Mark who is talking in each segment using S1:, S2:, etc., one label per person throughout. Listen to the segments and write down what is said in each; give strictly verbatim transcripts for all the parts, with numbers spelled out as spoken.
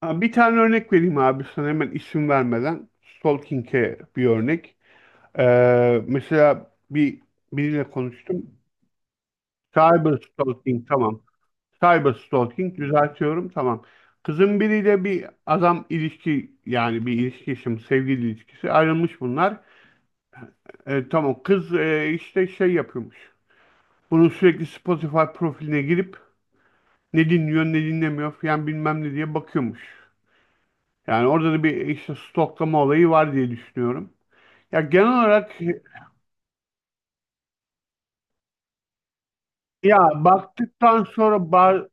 S1: Ha, bir tane örnek vereyim abi sana hemen isim vermeden. Stalking'e bir örnek. Ee, mesela bir biriyle konuştum. Cyber stalking tamam. Cyber stalking düzeltiyorum tamam. Kızın biriyle bir adam ilişki yani bir ilişki yaşam sevgili ilişkisi ayrılmış bunlar. E, tamam kız e, işte şey yapıyormuş. Bunun sürekli Spotify profiline girip ne dinliyor ne dinlemiyor falan bilmem ne diye bakıyormuş. Yani orada da bir işte stoklama olayı var diye düşünüyorum. Ya genel olarak, ya baktıktan sonra ba-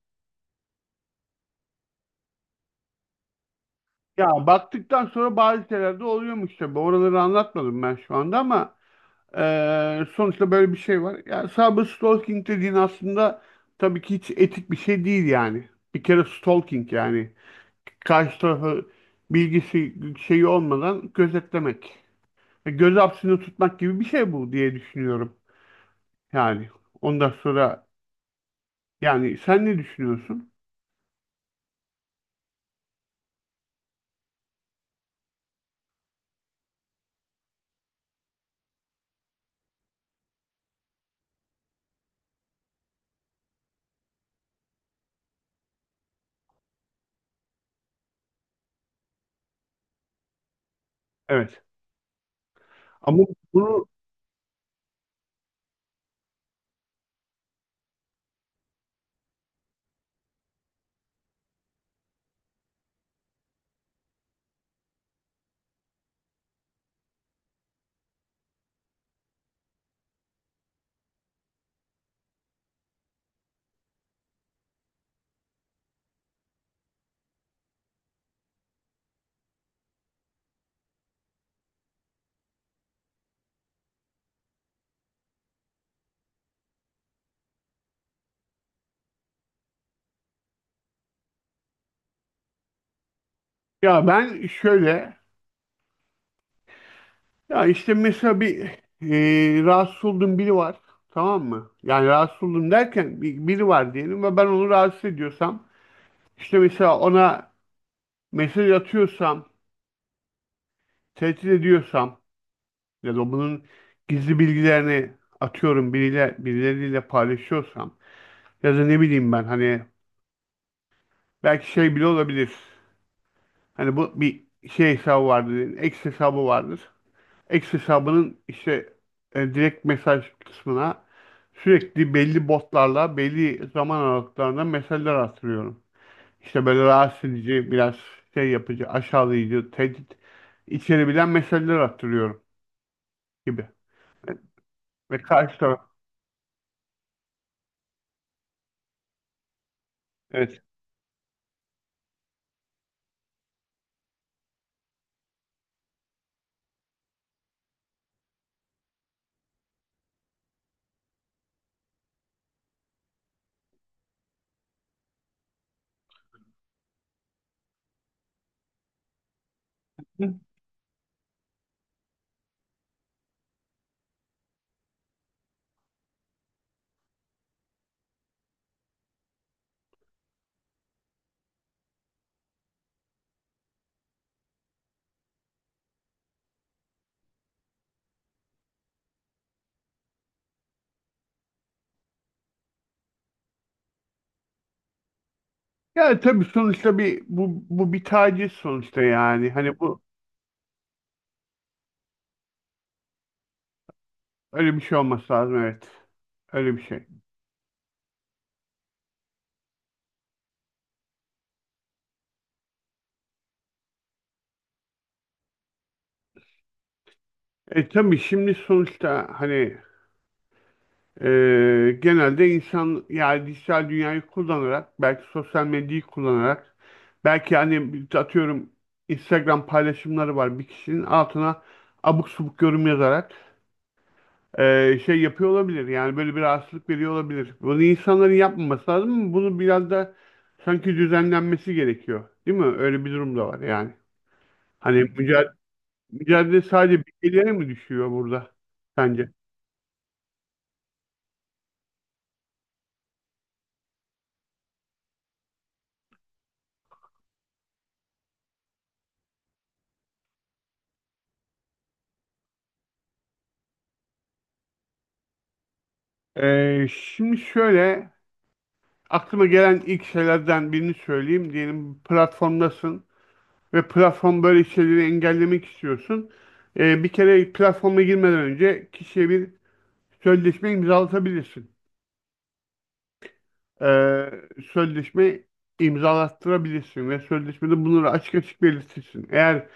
S1: ya baktıktan sonra bazı şeyler de oluyormuş tabii. Oraları anlatmadım ben şu anda, ama e, sonuçta böyle bir şey var. Ya cyber stalking dediğin aslında tabii ki hiç etik bir şey değil yani. Bir kere stalking yani karşı tarafı, bilgisi şeyi olmadan gözetlemek. E, Göz hapsini tutmak gibi bir şey bu diye düşünüyorum. Yani ondan sonra. Yani sen ne düşünüyorsun? Evet. Ama bunu, ya ben şöyle, ya işte mesela bir, e, rahatsız olduğum biri var. Tamam mı? Yani rahatsız oldum derken bir- biri var diyelim ve ben onu rahatsız ediyorsam, işte mesela ona mesaj atıyorsam, tehdit ediyorsam, ya da bunun gizli bilgilerini atıyorum biriyle, birileriyle paylaşıyorsam, ya da ne bileyim ben hani belki şey bile olabilir. Hani bu bir şey hesabı vardır, X hesabı vardır. X hesabının işte e, direkt mesaj kısmına sürekli belli botlarla belli zaman aralıklarında mesajlar attırıyorum. İşte böyle rahatsız edici, biraz şey yapıcı, aşağılayıcı, tehdit içerebilen mesajlar attırıyorum gibi. Ve karşı taraf, evet. Yani tabii sonuçta bir, bu bu bir taciz sonuçta yani. Hani bu öyle bir şey olması lazım, evet. Öyle bir şey. E tabii şimdi sonuçta hani, Ee, genelde insan yani dijital dünyayı kullanarak, belki sosyal medyayı kullanarak, belki hani bir- atıyorum Instagram paylaşımları var bir kişinin altına abuk subuk yorum yazarak ee, şey yapıyor olabilir yani, böyle bir rahatsızlık veriyor olabilir. Bunu insanların yapmaması lazım ama bunu biraz da sanki düzenlenmesi gerekiyor değil mi? Öyle bir durum da var yani. Hani mücadele, mücadele sadece bireylere mi düşüyor burada sence? Ee, şimdi şöyle. Aklıma gelen ilk şeylerden birini söyleyeyim. Diyelim platformdasın ve platform böyle şeyleri engellemek istiyorsun. Ee, bir kere platforma girmeden önce kişiye bir sözleşme imzalatabilirsin. Ee, Sözleşme imzalattırabilirsin ve sözleşmede bunları açık açık belirtirsin. Eğer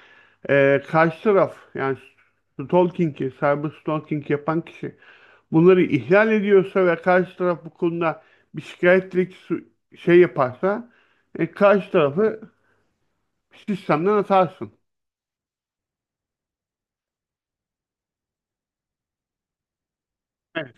S1: e, karşı taraf, yani stalking'i, cyber stalking yapan kişi, bunları ihlal ediyorsa ve karşı taraf bu konuda bir şikayet dilekçesi şey yaparsa, e, karşı tarafı sistemden atarsın. Evet.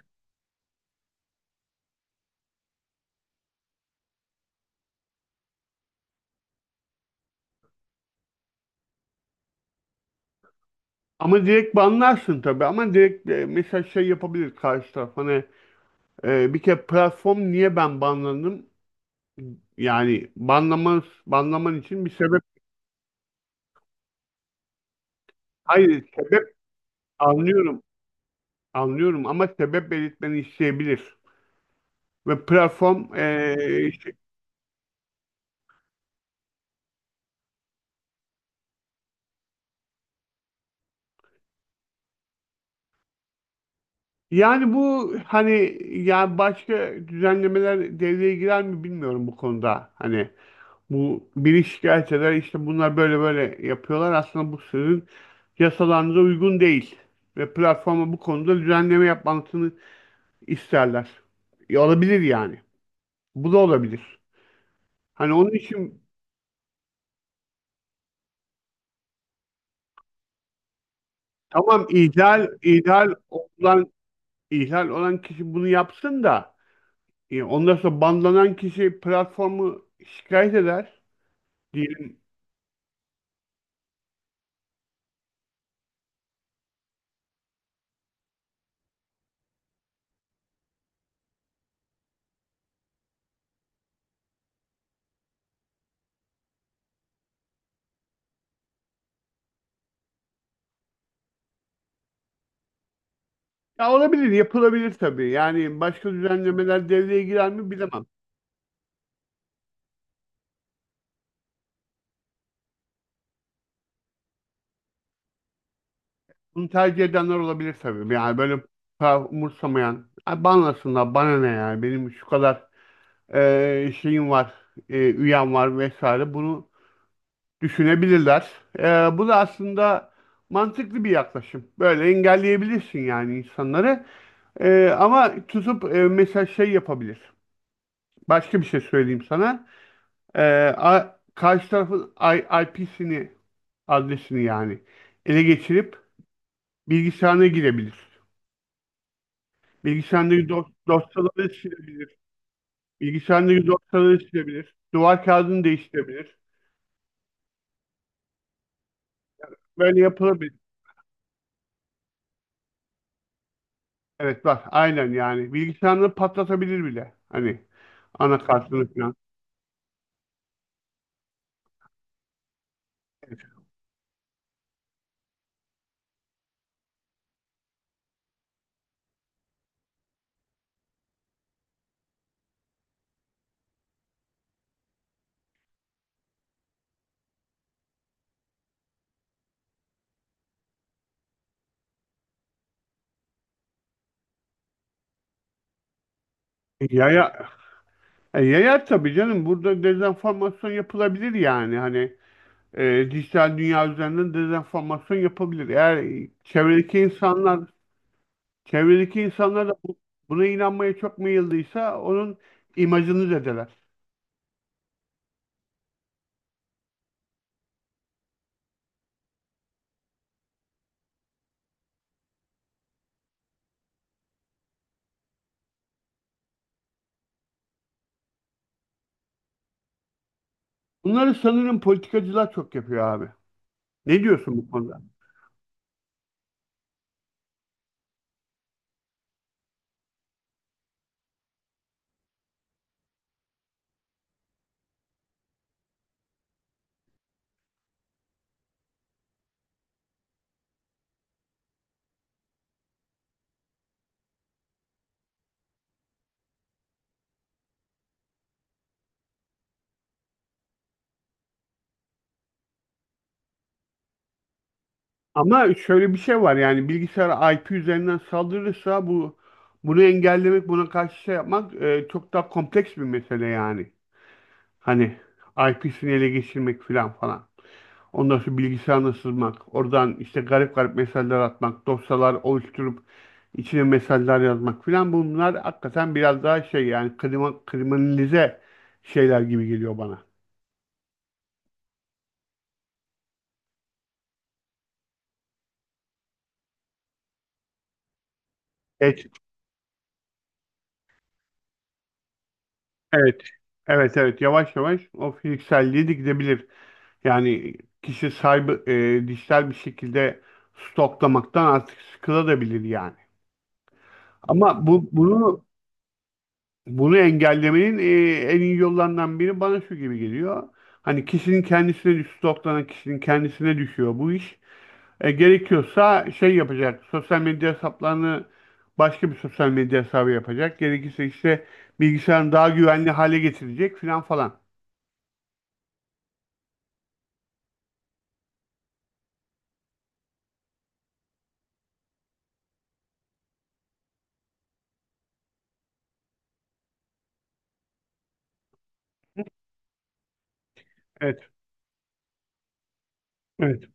S1: Ama direkt banlarsın tabii, ama direkt e, mesela şey yapabilir karşı taraf hani, e, bir kere platform niye ben banlandım, yani banlaman, banlaman için bir sebep, hayır sebep, anlıyorum anlıyorum ama sebep belirtmeni isteyebilir ve platform e, işte- yani bu hani, ya başka düzenlemeler devreye girer mi bilmiyorum bu konuda hani. Bu biri şikayet eder, işte bunlar böyle böyle yapıyorlar. Aslında bu sizin yasalarınıza uygun değil. Ve platforma bu konuda düzenleme yapmasını isterler. E, olabilir yani. Bu da olabilir. Hani onun için, tamam, ihlal ihlal olan ihlal olan kişi bunu yapsın da e, ondan sonra banlanan kişi platformu şikayet eder diyelim. Ya olabilir, yapılabilir tabii. Yani başka düzenlemeler devreye girer mi bilemem. Bunu tercih edenler olabilir tabii. Yani böyle, para umursamayan. Ay banlasınlar bana ne, yani benim şu kadar e, şeyim var, e, üyem var vesaire, bunu düşünebilirler. E, Bu da aslında mantıklı bir yaklaşım. Böyle engelleyebilirsin yani insanları. E, ama tutup e, mesela şey yapabilir. Başka bir şey söyleyeyim sana. E, a- Karşı tarafın I P'sini, adresini yani ele geçirip bilgisayarına girebilir. Bilgisayarında dosyaları dosyaları silebilir. Bilgisayarında dosyaları silebilir. Duvar kağıdını değiştirebilir. Böyle yapılabilir. Evet bak, aynen yani. Bilgisayarını patlatabilir bile. Hani anakartını falan. Evet. E, Yaya, e, Yayar tabii canım. Burada dezenformasyon yapılabilir yani. Hani e, dijital dünya üzerinden dezenformasyon yapabilir. Eğer çevredeki insanlar çevredeki insanlar da bu- buna inanmaya çok meyilliyse, onun imajını zedeler. Bunları sanırım politikacılar çok yapıyor abi. Ne diyorsun bu konuda? Ama şöyle bir şey var, yani bilgisayar I P üzerinden saldırırsa bu, bunu engellemek, buna karşı şey yapmak e, çok daha kompleks bir mesele yani. Hani I P'sini ele geçirmek filan falan. Ondan sonra bilgisayarına sızmak, oradan işte garip garip mesajlar atmak, dosyalar oluşturup içine mesajlar yazmak filan, bunlar hakikaten biraz daha şey yani, krima, kriminalize şeyler gibi geliyor bana. Evet. Evet evet, yavaş yavaş o fiziksel de gidebilir. Yani kişi sahibi e, dijital bir şekilde stoklamaktan artık sıkılabilir yani. Ama bu bunu bunu engellemenin e, en iyi yollarından biri bana şu gibi geliyor. Hani kişinin kendisine düş, stoklanan kişinin kendisine düşüyor bu iş. E, gerekiyorsa şey yapacak. Sosyal medya hesaplarını, başka bir sosyal medya hesabı yapacak. Gerekirse işte bilgisayarını daha güvenli hale getirecek filan falan. Evet. Evet.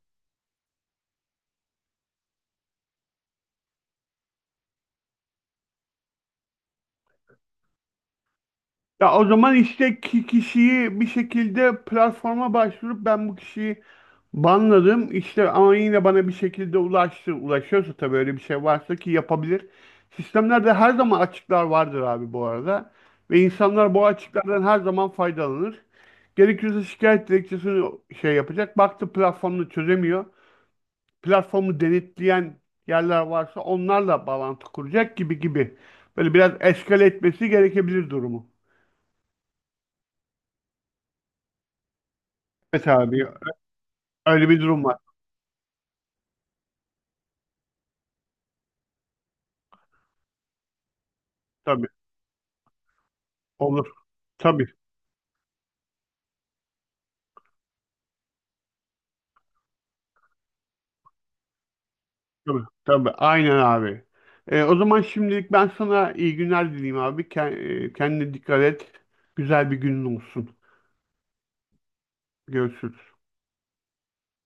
S1: Ya o zaman işte ki kişiyi bir şekilde platforma başvurup ben bu kişiyi banladım, İşte ama yine bana bir şekilde ulaştı. Ulaşıyorsa tabii, öyle bir şey varsa ki yapabilir. Sistemlerde her zaman açıklar vardır abi bu arada. Ve insanlar bu açıklardan her zaman faydalanır. Gerekirse şikayet dilekçesini şey yapacak. Baktı platformunu çözemiyor. Platformu denetleyen yerler varsa onlarla bağlantı kuracak gibi gibi. Böyle biraz eskale etmesi gerekebilir durumu. Evet abi. Öyle bir durum var. Tabii. Olur. Tabii. Tabii. Tabii. Aynen abi. Ee, o zaman şimdilik ben sana iyi günler dileyim abi. Ke- e, Kendine dikkat et. Güzel bir günün olsun. Görüşürüz.